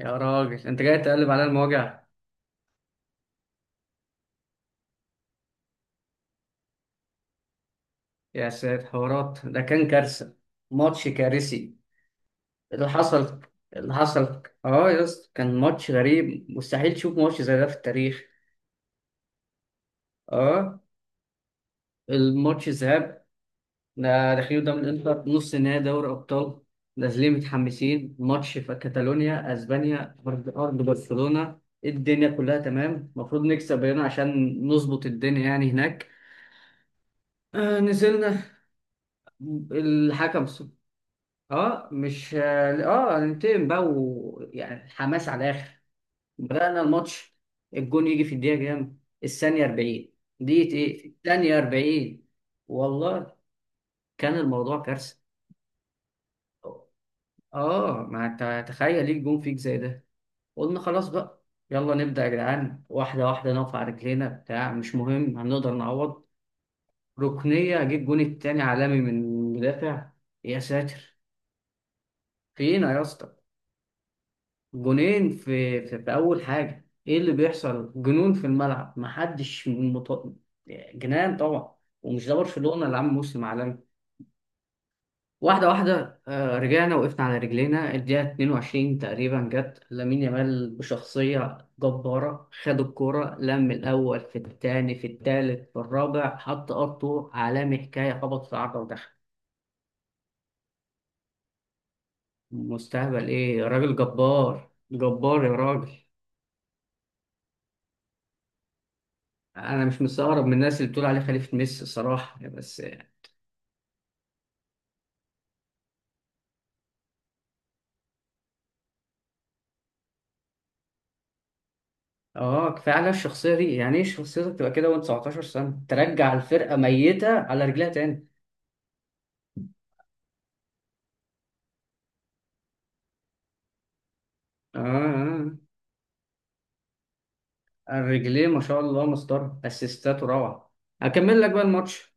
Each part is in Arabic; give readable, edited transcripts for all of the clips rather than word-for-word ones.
يا راجل انت جاي تقلب على المواجع. يا سيد حوارات ده كان كارثة. ماتش كارثي اللي حصل اللي حصل. اه، يا اسطى، كان ماتش غريب، مستحيل تشوف ماتش زي ده في التاريخ. اه، الماتش الذهاب ده، داخلين قدام الانتر نص نهائي دوري ابطال. نازلين متحمسين، ماتش في كاتالونيا اسبانيا، ارض ارض برشلونة، الدنيا كلها تمام، المفروض نكسب هنا عشان نظبط الدنيا يعني هناك. آه، نزلنا الحكم. اه مش اه هننتقم بقى، ويعني الحماس على الاخر. بدأنا الماتش، الجون يجي في الدقيقة كام؟ الثانية 40. دقيقة ايه؟ الثانية 40. والله كان الموضوع كارثة. اه، ما انت تخيل ليك جون فيك زي ده. قلنا خلاص بقى، يلا نبدأ يا جدعان، واحدة واحدة نقف على رجلينا، بتاع مش مهم هنقدر نعوض. ركنية، اجيب جون التاني عالمي من مدافع. يا ساتر، فينا يا اسطى. جونين في اول حاجه، ايه اللي بيحصل؟ جنون في الملعب، محدش جنان طبعا، ومش ده برشلونه اللي عامل موسم عالمي. واحده واحده، رجعنا وقفنا على رجلينا، الدقيقه 22 تقريبا جت لامين يامال بشخصيه جباره، خد الكوره لم الاول في الثاني في الثالث في الرابع، حط قطه عالمي حكايه، خبط في عرضه ودخل. مستهبل ايه راجل، جبار جبار يا راجل. انا مش مستغرب من الناس اللي بتقول عليه خليفة ميسي الصراحة، بس. اه، كفاية على الشخصية دي، يعني ايه شخصيتك تبقى كده وانت 19 سنة، ترجع الفرقة ميتة على رجليها تاني. اه، اه، الرجلين ما شاء الله مسطرة، اسيستات روعة. هكمل لك بقى الماتش.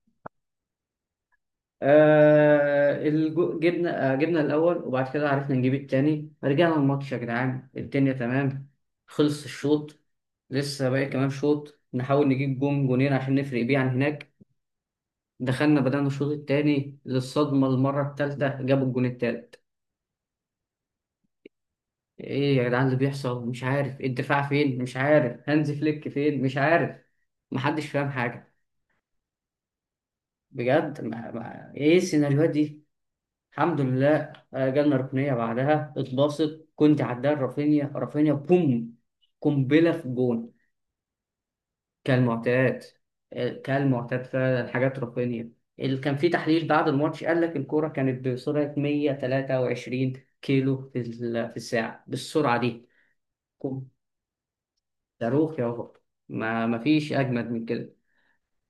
آه، الجو... جبنا آه جبنا الاول، وبعد كده عرفنا نجيب التاني، رجعنا الماتش يا جدعان الدنيا تمام. خلص الشوط، لسه باقي كمان شوط، نحاول نجيب جون جونين عشان نفرق بيه عن هناك. دخلنا بدأنا الشوط التاني، للصدمة المرة التالتة جابوا الجون التالت. ايه يا جدعان اللي بيحصل؟ مش عارف الدفاع فين، مش عارف هانز فليك فين، مش عارف، محدش فاهم حاجة. بجد ما ايه السيناريوهات دي. الحمد لله، جالنا ركنية بعدها اتباصت، كنت عداها رافينيا رافينيا بوم، قنبلة في الجون. كالمعتاد كالمعتاد، فعلا حاجات رقمية. اللي كان في تحليل بعد الماتش قال لك الكورة كانت بسرعة 123 كيلو في الساعة، بالسرعة دي كم- صاروخ يا بابا. ما فيش أجمد من كده.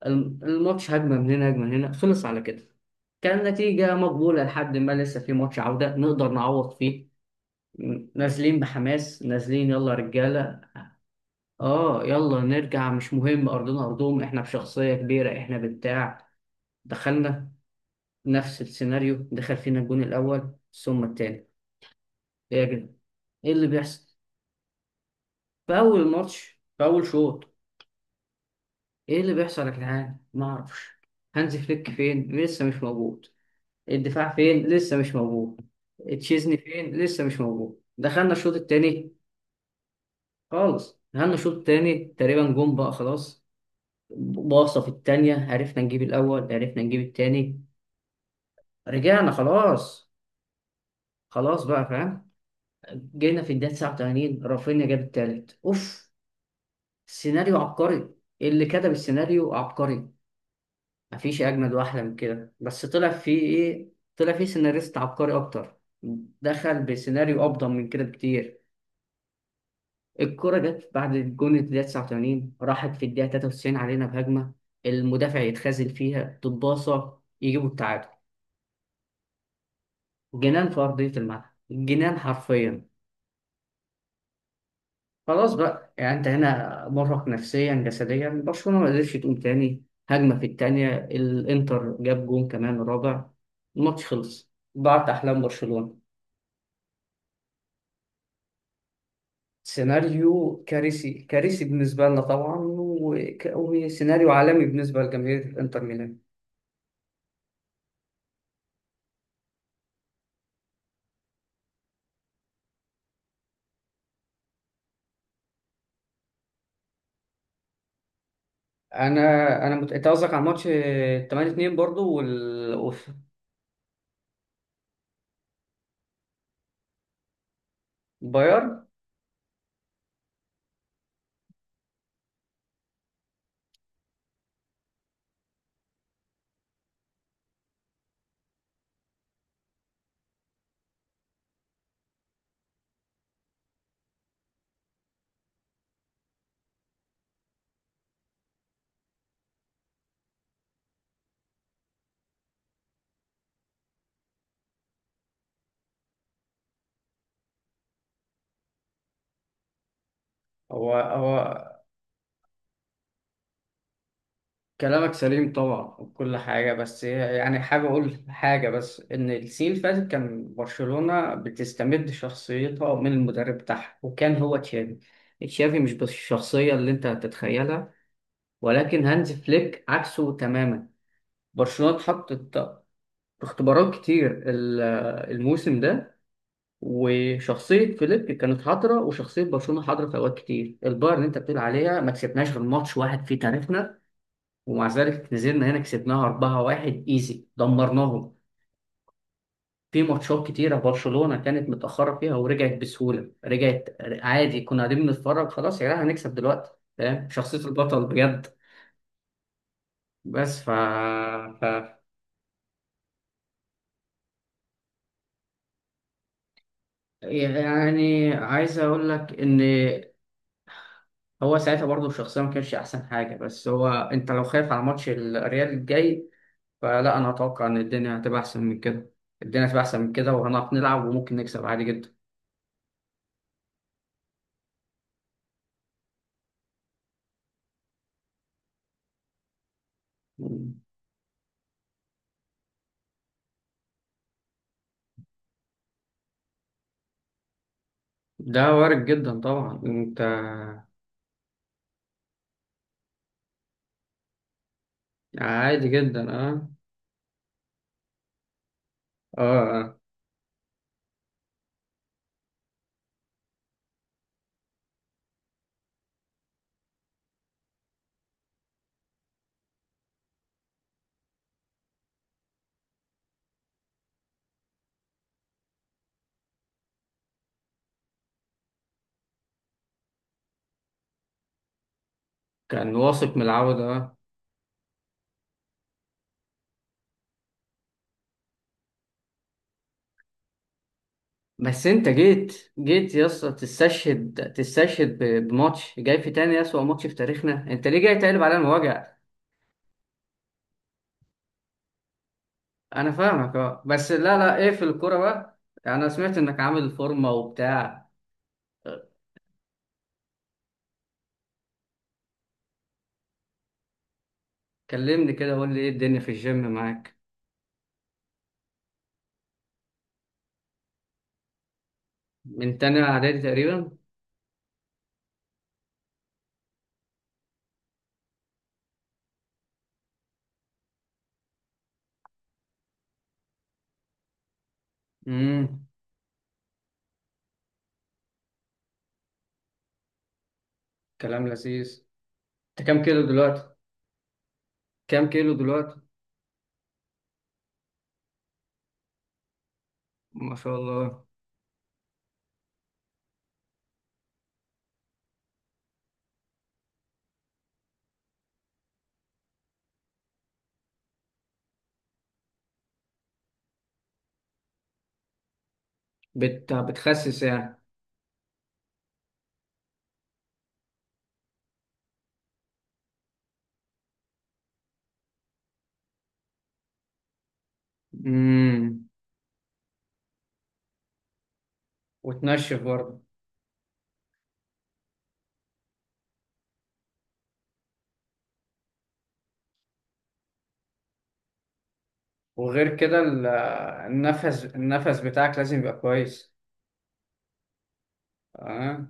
الماتش هجمة من هنا هجمة من هنا خلص على كده. كان نتيجة مقبولة، لحد ما لسه في ماتش عودة نقدر نعوض فيه. نازلين بحماس، نازلين يلا يا رجالة. اه، يلا نرجع مش مهم، ارضنا ارضهم احنا بشخصية كبيرة احنا بتاع. دخلنا نفس السيناريو، دخل فينا الجون الأول ثم التاني. إيه يا جدعان، إيه اللي بيحصل، في أول ماتش في أول شوط. إيه اللي بيحصل يا جدعان؟ ما أعرفش. هانز فليك فين لسه مش موجود، الدفاع فين لسه مش موجود، تشيزني فين لسه مش موجود. دخلنا الشوط التاني خالص، دخلنا الشوط التاني تقريبا جون بقى خلاص، باصة في التانية عرفنا نجيب الأول عرفنا نجيب التاني، رجعنا خلاص. خلاص بقى فاهم. جينا في الدقيقة 89 رافينيا جاب التالت، اوف، سيناريو عبقري. إيه اللي كتب السيناريو عبقري، مفيش اجمد واحلى من كده، بس طلع فيه ايه، طلع فيه سيناريست عبقري اكتر، دخل بسيناريو افضل من كده بكتير. الكرة جت بعد الجون في الدقيقة 89 راحت في الدقيقة 93 علينا بهجمة، المدافع يتخاذل فيها تتباصى يجيبوا التعادل. جنان في أرضية الملعب، جنان حرفيا. خلاص بقى، يعني انت هنا مرهق نفسيا جسديا، برشلونة ما قدرتش تقوم تاني. هجمة في التانية الانتر جاب جون كمان رابع، الماتش خلص، ضاعت احلام برشلونة. سيناريو كارثي كارثي بالنسبة لنا طبعا، وسيناريو عالمي بالنسبة لجماهير الانتر ميلان. انا انت قصدك على ماتش 8-2 برضو والبايرن. هو هو. كلامك سليم طبعا وكل حاجة، بس يعني حابب أقول حاجة، بس إن السنين اللي فاتت كان برشلونة بتستمد شخصيتها من المدرب بتاعها، وكان هو تشافي. تشافي مش بس الشخصية اللي أنت هتتخيلها، ولكن هانز فليك عكسه تماما. برشلونة اتحطت في اختبارات كتير الموسم ده. وشخصية فليك كانت حاضرة، وشخصية برشلونة حاضرة في أوقات كتير، البايرن اللي أنت بتقول عليها ما كسبناش غير ماتش واحد في تاريخنا. ومع ذلك نزلنا هنا كسبناها 4-1 ايزي، دمرناهم. في ماتشات كتيرة برشلونة كانت متأخرة فيها ورجعت بسهولة، رجعت عادي كنا قاعدين بنتفرج، خلاص يا جدعان هنكسب دلوقتي. فاهم شخصية البطل بجد. بس ف... ف... يعني عايز أقول لك إن هو ساعتها برضه الشخصية ما كانش أحسن حاجة، بس هو أنت لو خايف على ماتش الريال الجاي، فلا أنا أتوقع إن الدنيا هتبقى أحسن من كده. الدنيا هتبقى أحسن من كده، وهنعرف نلعب وممكن نكسب عادي جدا. ده وارد جدا طبعا انت. عادي جدا، اه، اه، آه. كان واثق من العودة، اه. بس انت جيت يا اسطى، تستشهد بماتش جاي في تاني اسوأ ماتش في تاريخنا، انت ليه جاي تقلب علينا وجع؟ انا فاهمك اه، بس لا لا ايه في الكورة بقى؟ انا سمعت انك عامل فورمة وبتاع. كلمني كده قول لي ايه الدنيا في الجيم معاك. من تاني اعدادي تقريبا. امم، كلام لذيذ. انت كام كيلو دلوقتي؟ كام كيلو دلوقتي؟ ما شاء الله. بتخسس يعني؟ امم، وتنشف برضه؟ وغير كده النفس بتاعك لازم يبقى كويس. اه،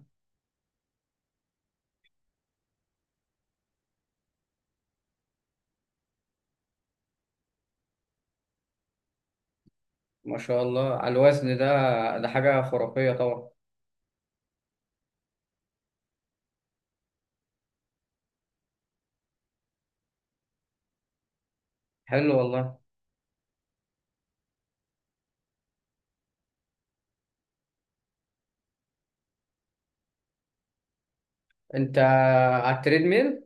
ما شاء الله على الوزن ده، ده حاجة خرافية طبعا. حلو والله. انت على التريد ميل؟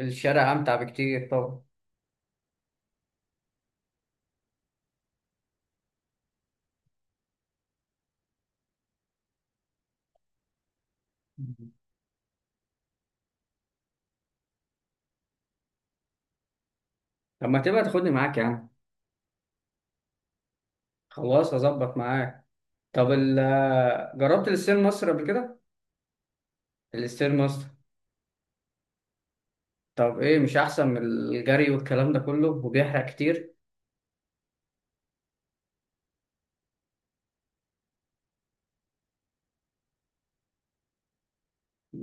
الشارع امتع بكتير طبعا. مم. طب ما تبقى تاخدني معاك يا عم. خلاص هظبط معاك. طب جربت الستير ماستر قبل كده؟ الستير ماستر، طب ايه مش احسن من الجري والكلام ده كله وبيحرق كتير؟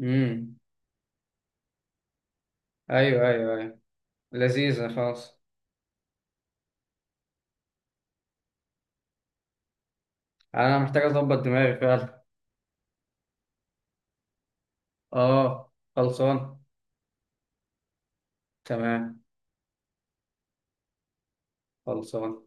امم، ايوه ايوه ايوه، لذيذة خلاص. انا محتاج اظبط دماغي فعلا. اه، خلصان. تمام، خلصان.